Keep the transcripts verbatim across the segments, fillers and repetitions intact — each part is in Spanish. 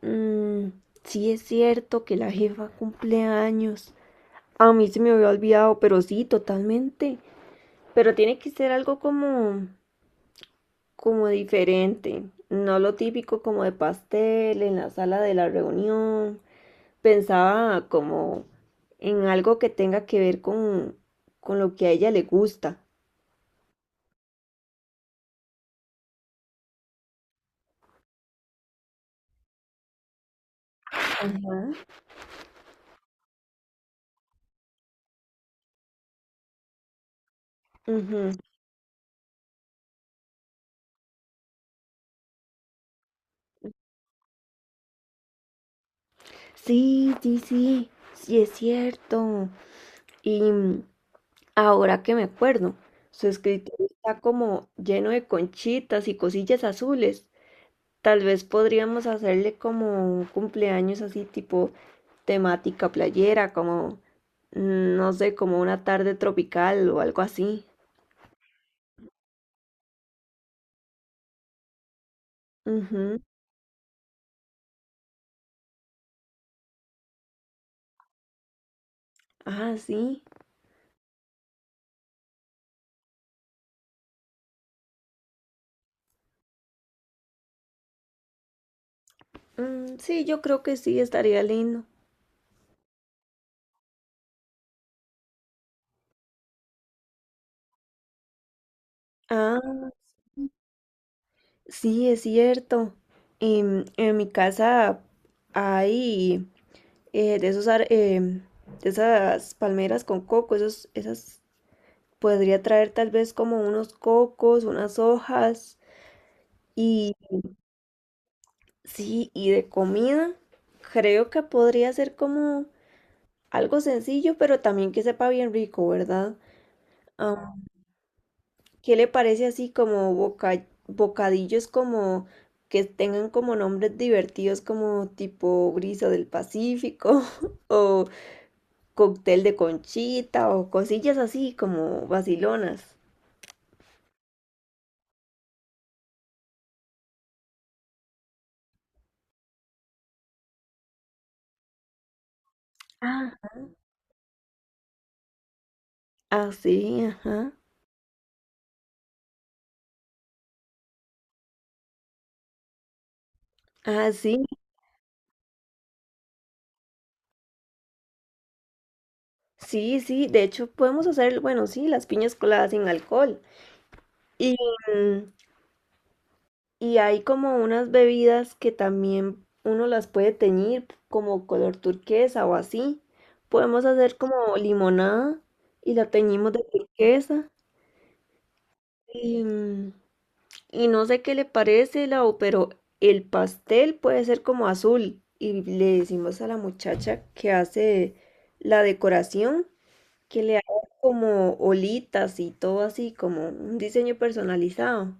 Mm, sí es cierto que la jefa cumple años. A mí se me había olvidado, pero sí, totalmente. Pero tiene que ser algo como, como diferente, no lo típico como de pastel en la sala de la reunión. Pensaba como en algo que tenga que ver con, con lo que a ella le gusta. Ujú. Sí, sí, sí, sí es cierto. Y mm, Ahora que me acuerdo, su escritorio está como lleno de conchitas y cosillas azules. Tal vez podríamos hacerle como un cumpleaños así tipo temática playera, como, mm, no sé, como una tarde tropical o algo así. Ujú. Ah, sí. Mm, sí, yo creo que sí, estaría lindo. Ah, sí, es cierto. Em, en mi casa hay eh, de esos, ar- em, de esas palmeras con coco, esos, esas podría traer tal vez como unos cocos, unas hojas y sí, y de comida, creo que podría ser como algo sencillo, pero también que sepa bien rico, ¿verdad? Am, ¿qué le parece así como boca, bocadillos como que tengan como nombres divertidos como tipo brisa del Pacífico o cóctel de conchita o cosillas así como vacilonas. Ah. Así, ajá. Ah, sí, sí, sí. De hecho, podemos hacer, bueno, sí, las piñas coladas sin alcohol. Y, mm, y hay como unas bebidas que también uno las puede teñir como color turquesa o así. Podemos hacer como limonada y la teñimos de turquesa. Y, mm, Y no sé qué le parece, Lau, pero el pastel puede ser como azul. Y le decimos a la muchacha que hace la decoración que le haga como olitas y todo así, como un diseño personalizado.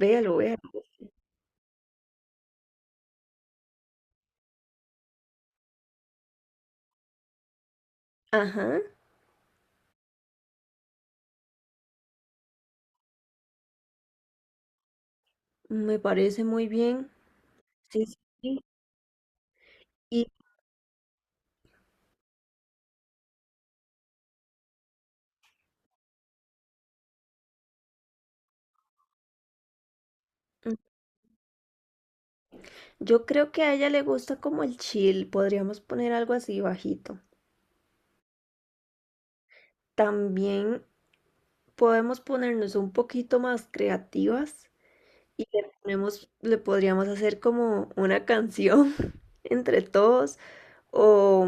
Véalo, véalo. Ajá, me parece muy bien. Sí, sí, sí. Y mm, yo creo que a ella le gusta como el chill. Podríamos poner algo así bajito. También podemos ponernos un poquito más creativas. Y le ponemos, le podríamos hacer como una canción entre todos o,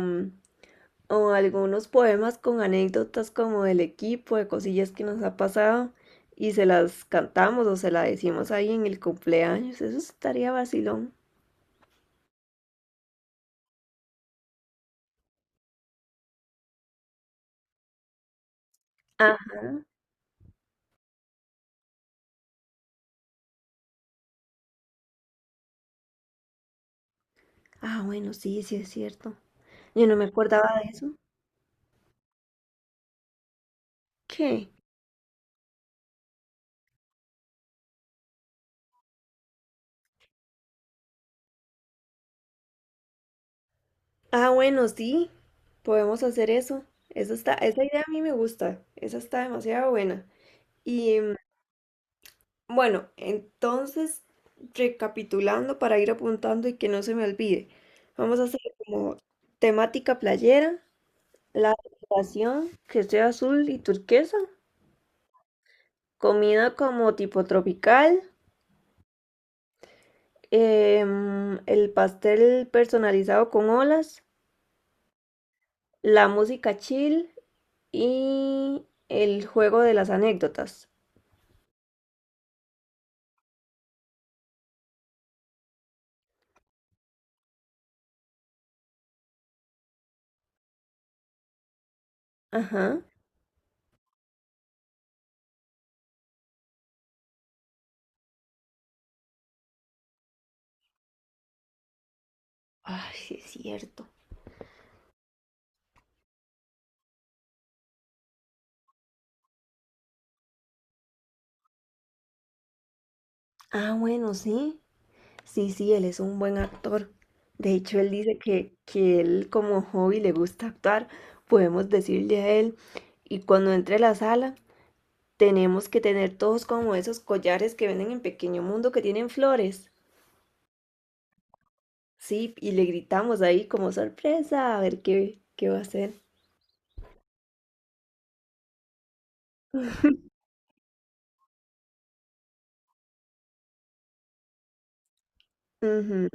o algunos poemas con anécdotas como del equipo, de cosillas que nos ha pasado y se las cantamos o se las decimos ahí en el cumpleaños. Eso estaría vacilón. Ah, ah, bueno, sí, sí es cierto. Yo no me acordaba de eso. ¿Qué? Ah, bueno, sí, podemos hacer eso. Eso está, esa idea a mí me gusta. Esa está demasiado buena. Y, mm, Bueno, entonces, recapitulando para ir apuntando y que no se me olvide, vamos a hacer como temática playera, la decoración que sea azul y turquesa, comida como tipo tropical, em, el pastel personalizado con olas, la música chill y el juego de las anécdotas. Ajá. Ay, sí es cierto. Ah, bueno, sí. Sí, sí, él es un buen actor. De hecho, él dice que, que él como hobby le gusta actuar. Podemos decirle a él, y cuando entre a la sala, tenemos que tener todos como esos collares que venden en Pequeño Mundo que tienen flores. Sí, y le gritamos ahí como sorpresa, a ver qué, qué va a hacer. Ujú.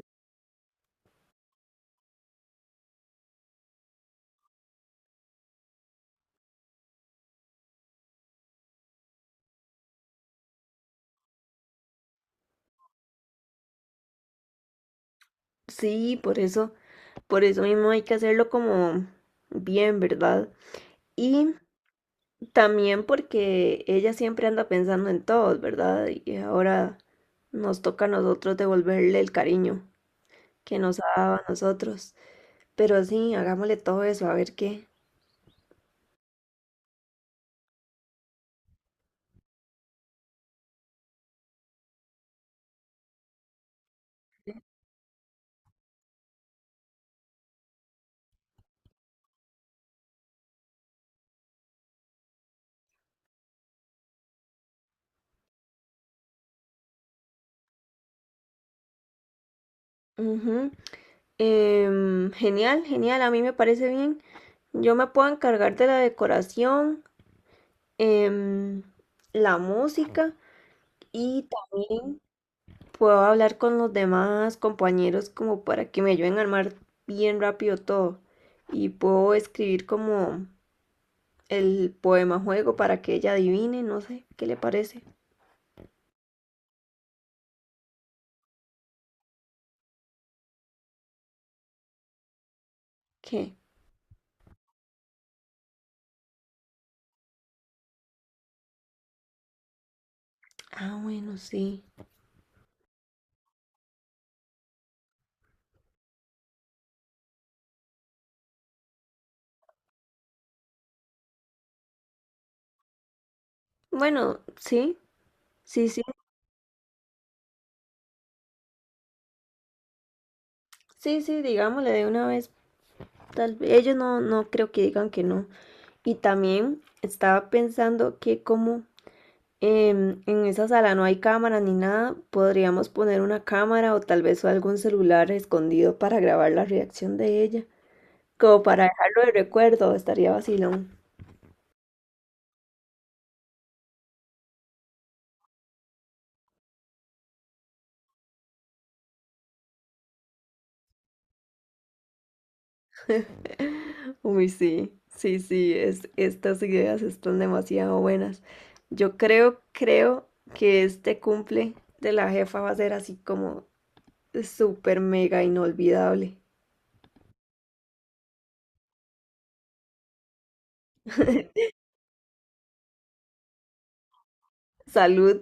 Sí, por eso, por eso mismo hay que hacerlo como bien, ¿verdad? Y también porque ella siempre anda pensando en todos, ¿verdad? Y ahora nos toca a nosotros devolverle el cariño que nos ha dado a nosotros. Pero sí, hagámosle todo eso, a ver qué. Ujú. Em, genial, genial, a mí me parece bien. Yo me puedo encargar de la decoración, em, la música y también puedo hablar con los demás compañeros como para que me ayuden a armar bien rápido todo. Y puedo escribir como el poema juego para que ella adivine, no sé, ¿qué le parece? ¿Qué? Ah, bueno, sí. Bueno, sí, sí, sí, sí, sí, digámosle de una vez. Tal vez ellos no, no creo que digan que no. Y también estaba pensando que como Em, en esa sala no hay cámara ni nada. Podríamos poner una cámara o tal vez algún celular escondido para grabar la reacción de ella. Como para dejarlo de recuerdo, estaría vacilón. Uy, sí, sí, sí, es, estas ideas están demasiado buenas. Yo creo, creo que este cumple de la jefa va a ser así como súper mega inolvidable. Salud.